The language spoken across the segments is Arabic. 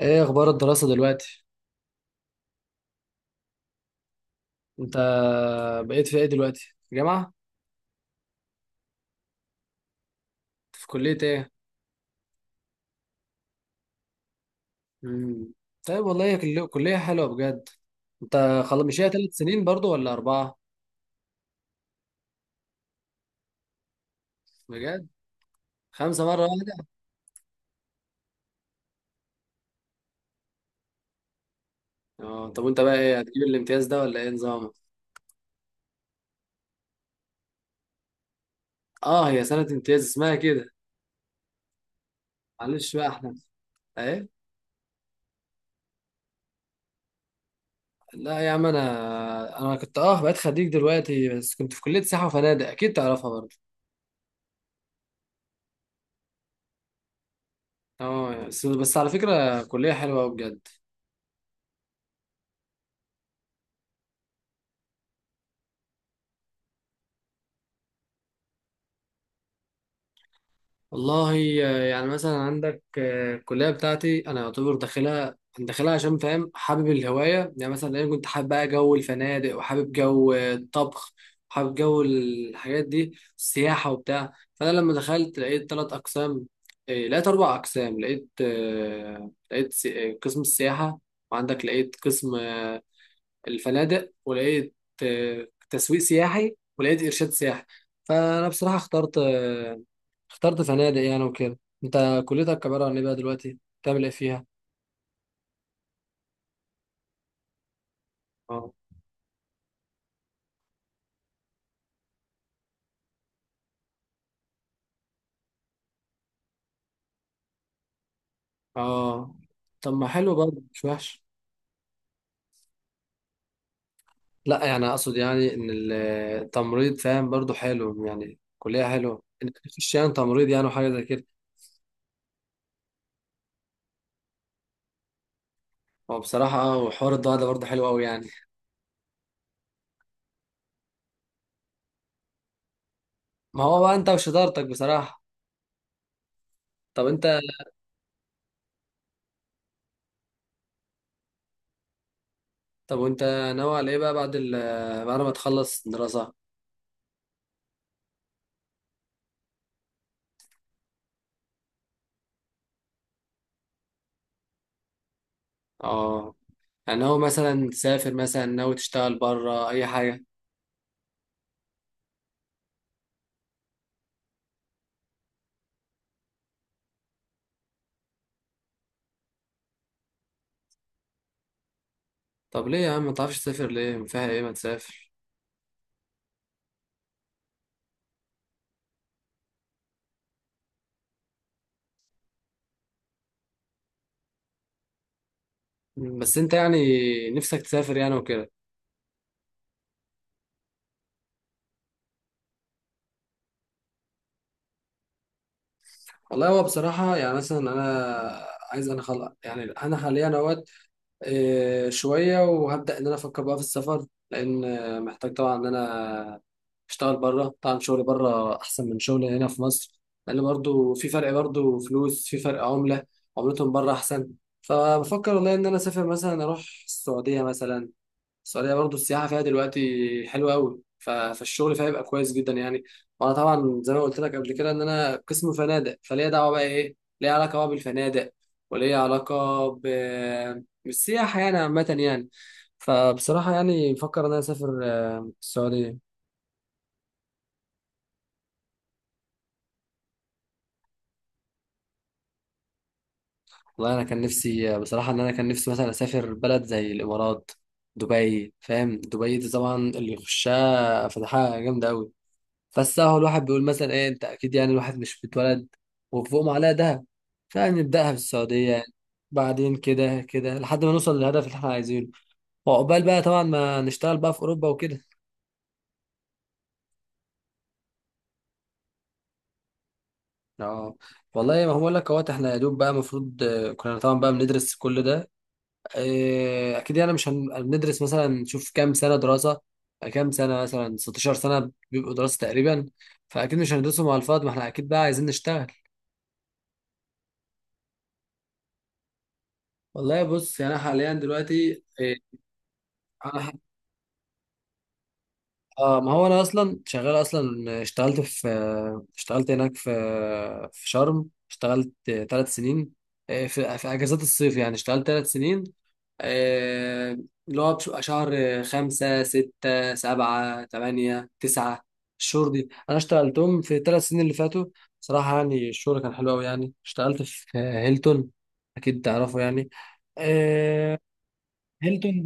ايه اخبار الدراسة دلوقتي؟ انت بقيت في ايه دلوقتي، في جامعة؟ في كلية ايه؟ مم. طيب والله، هي كلية حلوة بجد. انت خلاص، مش هي ثلاث سنين برضو ولا اربعة؟ بجد؟ خمسة مرة واحدة؟ اه طب وانت بقى ايه؟ هتجيب الامتياز ده ولا ايه نظامك؟ اه هي سنة امتياز اسمها كده. معلش بقى احنا. ايه؟ لا يا عم، انا كنت بقيت خريج دلوقتي، بس كنت في كلية سياحة وفنادق، اكيد تعرفها برضو. اه بس على فكرة كلية حلوة أوي بجد. والله يعني مثلا عندك، الكلية بتاعتي أنا يعتبر داخلها. أنا داخلها عشان فاهم حابب الهواية. يعني مثلا أنا كنت حابب بقى جو الفنادق، وحابب جو الطبخ، وحابب جو الحاجات دي، السياحة وبتاع. فأنا لما دخلت لقيت تلات أقسام، لقيت أربع أقسام. لقيت لقيت قسم السياحة، وعندك لقيت قسم الفنادق، ولقيت تسويق سياحي، ولقيت إرشاد سياحي. فأنا بصراحة اخترت، اخترت فنادق يعني وكده. انت كليتك عبارة عن ايه بقى دلوقتي؟ بتعمل ايه فيها؟ اه. اه طب ما حلو برضه، مش وحش. لا يعني اقصد يعني ان التمريض، فاهم، برضه حلو. يعني كلية حلوة انك تخش يعني تمريض، يعني وحاجة زي كده. هو بصراحة اه وحوار الضوء ده برضه حلو قوي يعني. ما هو بقى انت وشطارتك بصراحة. طب انت. طب وانت ناوي على ايه بقى بعد بعد ما تخلص دراسة؟ اه يعني هو مثلا تسافر، مثلا ناوي تشتغل بره، اي حاجة. طب ليه يا عم ما تعرفش تسافر؟ ليه فيها ايه؟ ما تسافر. بس انت يعني نفسك تسافر يعني وكده. والله هو بصراحة يعني مثلا أنا عايز أنا خلق. يعني أنا حاليا أهوت شوية، وهبدأ إن أنا أفكر بقى في السفر، لأن محتاج طبعا إن أنا أشتغل بره. طبعا شغلي بره أحسن من شغلي هنا في مصر، لأن برضو في فرق، برضو فلوس في فرق عملة. عملتهم بره أحسن. فبفكر والله إن أنا أسافر مثلا، أروح السعودية مثلا. السعودية برضو السياحة فيها دلوقتي حلوة أوي، فالشغل فيها يبقى كويس جدا يعني. وأنا طبعا زي ما قلت لك قبل كده إن أنا قسم فنادق، فليا دعوة بقى، إيه، ليا علاقة بقى بالفنادق، وليا بالسياحة يعني عامة يعني. فبصراحة يعني بفكر إن أنا أسافر السعودية. والله أنا كان نفسي بصراحة إن أنا كان نفسي مثلا أسافر بلد زي الإمارات، دبي، فاهم؟ دبي دي طبعا اللي يخشها فتحها جامدة أوي. بس هو الواحد بيقول مثلا ايه، انت اكيد يعني الواحد مش بيتولد وفوقهم عليها دهب. فنبداها في السعوديه يعني، بعدين كده كده لحد ما نوصل للهدف اللي احنا عايزينه، وعقبال بقى طبعا ما نشتغل بقى في اوروبا وكده. اه والله، ما هو بقول لك، اهوت احنا يا دوب بقى المفروض كنا طبعا بقى بندرس كل ده. اكيد يعني مش هن- هندرس، مثلا نشوف كام سنه دراسه، كام سنه، مثلا 16 سنه بيبقوا دراسه تقريبا. فاكيد مش هندرسهم على الفاضي، ما احنا اكيد بقى عايزين نشتغل. والله بص يعني انا حاليا دلوقتي، انا ح- اه ما هو انا اصلا شغال اصلا. اشتغلت في اشتغلت هناك في شرم، اشتغلت ثلاث سنين، في اجازات الصيف يعني. اشتغلت ثلاث سنين آه، اللي هو شهر خمسة، ستة، سبعة، تمانية، تسعة. الشهور دي انا اشتغلتهم في الثلاث سنين اللي فاتوا. صراحة يعني الشغل كان حلو قوي يعني. اشتغلت في هيلتون، اكيد تعرفه يعني، آه، هيلتون.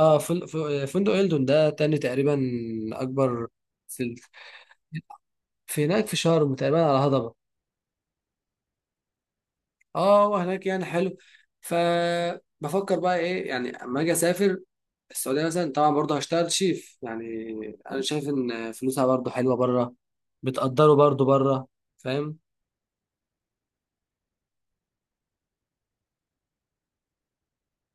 اه فندق هيلتون ده تاني تقريبا اكبر. في ال- في هناك في شرم، تقريبا على هضبة. اه وهناك يعني حلو. فبفكر بقى ايه يعني اما اجي اسافر السعودية مثلا، طبعا برضه هشتغل شيف يعني. انا شايف ان فلوسها برضه حلوة بره، بتقدره برضه بره، فاهم؟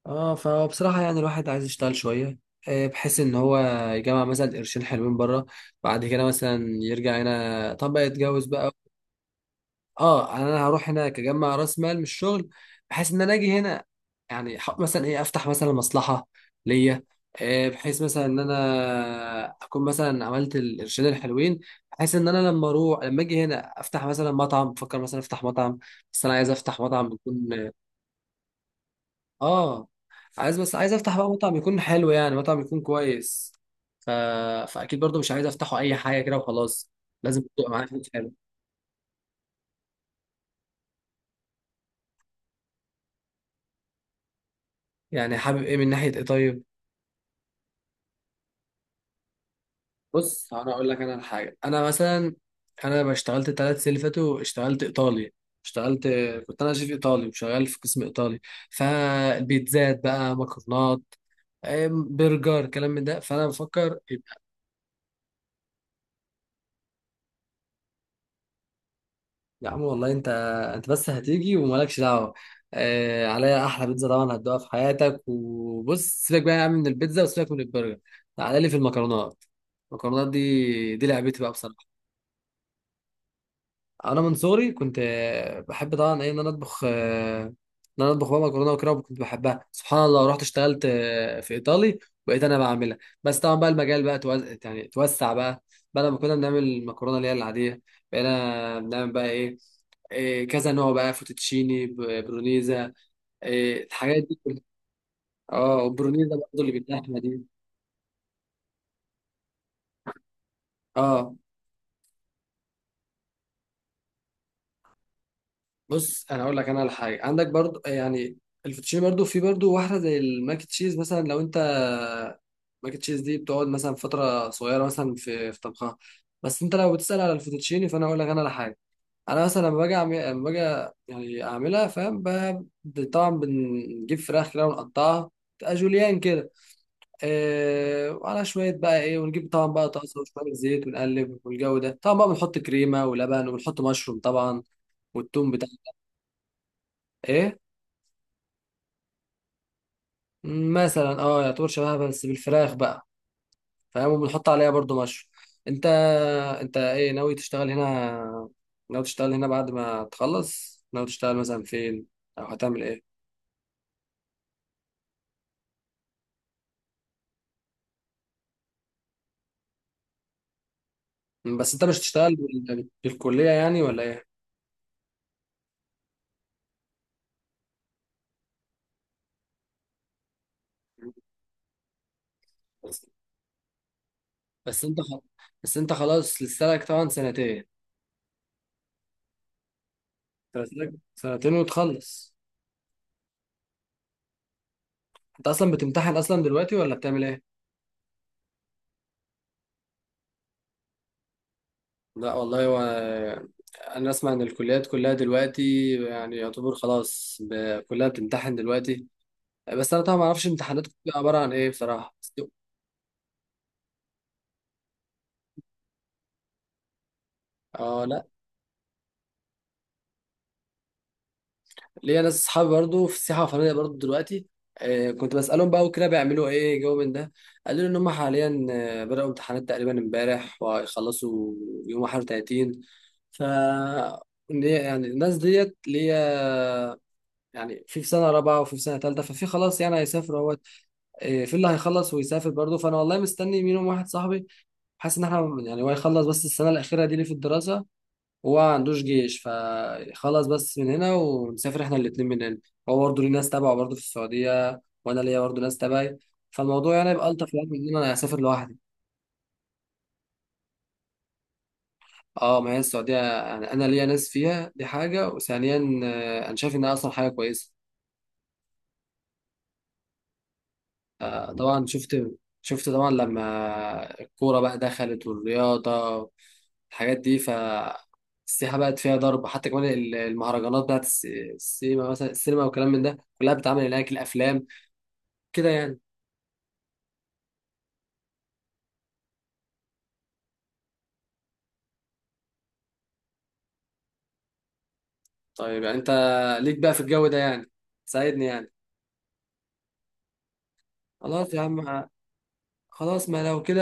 اه فبصراحة يعني الواحد عايز يشتغل شوية، بحيث ان هو يجمع مثلا قرشين حلوين بره، بعد كده مثلا يرجع هنا، طب بقى يتجوز بقى. اه يعني انا هروح هناك اجمع راس مال من الشغل، بحيث ان انا اجي هنا، يعني مثلا ايه، افتح مثلا مصلحه ليا. بحيث مثلا ان انا اكون مثلا عملت القرشين الحلوين، بحيث ان انا لما اجي هنا افتح مثلا مطعم، بفكر مثلا افتح مطعم. بس انا عايز افتح مطعم يكون، اه عايز، بس عايز افتح بقى مطعم يكون حلو، يعني مطعم يكون كويس. ف... فاكيد برضو مش عايز افتحه اي حاجه كده وخلاص، لازم تبقى معايا فلوس حلو. يعني حابب ايه من ناحيه ايه، طيب؟ بص انا اقول لك انا على حاجه. انا مثلا، انا بقى اشتغلت الثلاث سنين اللي فاتوا اشتغلت ايطالي. اشتغلت، كنت انا شيف ايطالي، وشغال في قسم ايطالي. فالبيتزات بقى، مكرونات، برجر، كلام من ده. فانا بفكر يبقى. يا عم والله انت، انت بس هتيجي ومالكش دعوه. اه عليا احلى بيتزا طبعا هتدوقها في حياتك. وبص سيبك بقى يا عم من البيتزا، وسيبك من البرجر. تعالى لي في المكرونات. المكرونات دي لعبتي بقى بصراحه. انا من صغري كنت بحب طبعا ايه ان انا اطبخ. ان انا اطبخ بقى مكرونه وكده، وكنت بحبها. سبحان الله، رحت اشتغلت في ايطالي، بقيت انا بعملها. بس طبعا بقى المجال بقى يعني توسع بقى. بدل ما كنا بنعمل المكرونه اللي هي العاديه، بقينا بنعمل بقى ايه، إيه، كذا نوع بقى، فوتوتشيني، برونيزا، إيه الحاجات دي كلها. اه والبرونيزا برضه اللي باللحمه دي. اه بص انا اقول لك انا على حاجه. عندك برضو يعني الفوتوتشيني، برضو في برضو واحده زي الماك تشيز مثلا. لو انت، ماك تشيز دي بتقعد مثلا فتره صغيره مثلا في طبخها. بس انت لو بتسال على الفوتوتشيني فانا اقول لك انا على حاجه. انا مثلا لما باجي اعمل، لما باجي يعني اعملها، فاهم، طبعا بنجيب فراخ كده ونقطعها، تبقى جوليان كده. آه وعلى شويه بقى ايه، ونجيب طبعا بقى طاسه وشويه زيت، ونقلب. والجو ده طبعا بقى بنحط كريمه ولبن، وبنحط مشروم طبعا، والثوم بتاع. ايه مثلا، اه يعتبر شبهها بس بالفراخ بقى، فاهم. وبنحط عليها برضو مشروم. انت، انت ايه ناوي تشتغل هنا ناوي تشتغل هنا بعد ما تخلص، ناوي تشتغل مثلا فين، او هتعمل ايه؟ مم، بس انت مش هتشتغل بالكلية يعني ولا ايه؟ بس بس انت خ... بس انت خلاص لسه لك طبعا سنتين. لسه لك سنتين وتخلص. انت اصلا بتمتحن اصلا دلوقتي ولا بتعمل ايه؟ لا والله هو، انا اسمع ان الكليات كلها دلوقتي يعني يعتبر خلاص، كلها بتمتحن دلوقتي. بس انا طبعا ما اعرفش امتحانات بتبقى عباره عن ايه بصراحه اه لا. ليا ناس اصحابي برضو في السياحه الفنيه برضو دلوقتي، آه كنت بسالهم بقى وكده، بيعملوا ايه جو من ده؟ قالوا لي ان هم حاليا بداوا امتحانات تقريبا امبارح، وهيخلصوا يوم 31. ف يعني الناس ديت ليا، يعني في، في سنه رابعه وفي سنه ثالثه، ففي خلاص يعني هيسافروا. إيه، في اللي هيخلص ويسافر برضه. فانا والله مستني منهم واحد صاحبي، حاسس ان احنا يعني هو يخلص بس السنه الاخيره دي ليه في الدراسه، وهو ما عندوش جيش، فخلص بس من هنا ونسافر احنا الاتنين من هنا. هو برضه ليه ناس تبعه برضه في السعوديه، وانا ليا برضه ناس تبعي. فالموضوع يعني يبقى الطف، يعني من ان انا اسافر لوحدي. اه ما هي السعوديه، يعني انا ليا ناس فيها دي حاجه، وثانيا انا شايف انها اصلا حاجه كويسه. طبعا شفت، طبعا لما الكوره بقى دخلت، والرياضه الحاجات دي، فالسياحة بقت فيها ضرب. حتى كمان المهرجانات بتاعت السينما مثلا، السينما والكلام من ده كلها بتتعمل هناك، الأفلام كده يعني. طيب يعني أنت ليك بقى في الجو ده يعني، ساعدني يعني. خلاص يا عم. خلاص، ما لو كده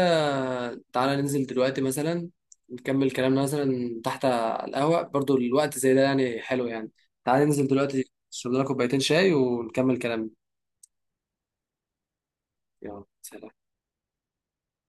تعالى ننزل دلوقتي مثلا، نكمل كلامنا مثلا تحت على القهوة، برضو الوقت زي ده يعني حلو يعني. تعالى ننزل دلوقتي نشرب لنا كوبايتين شاي ونكمل كلامنا. يلا، سلام.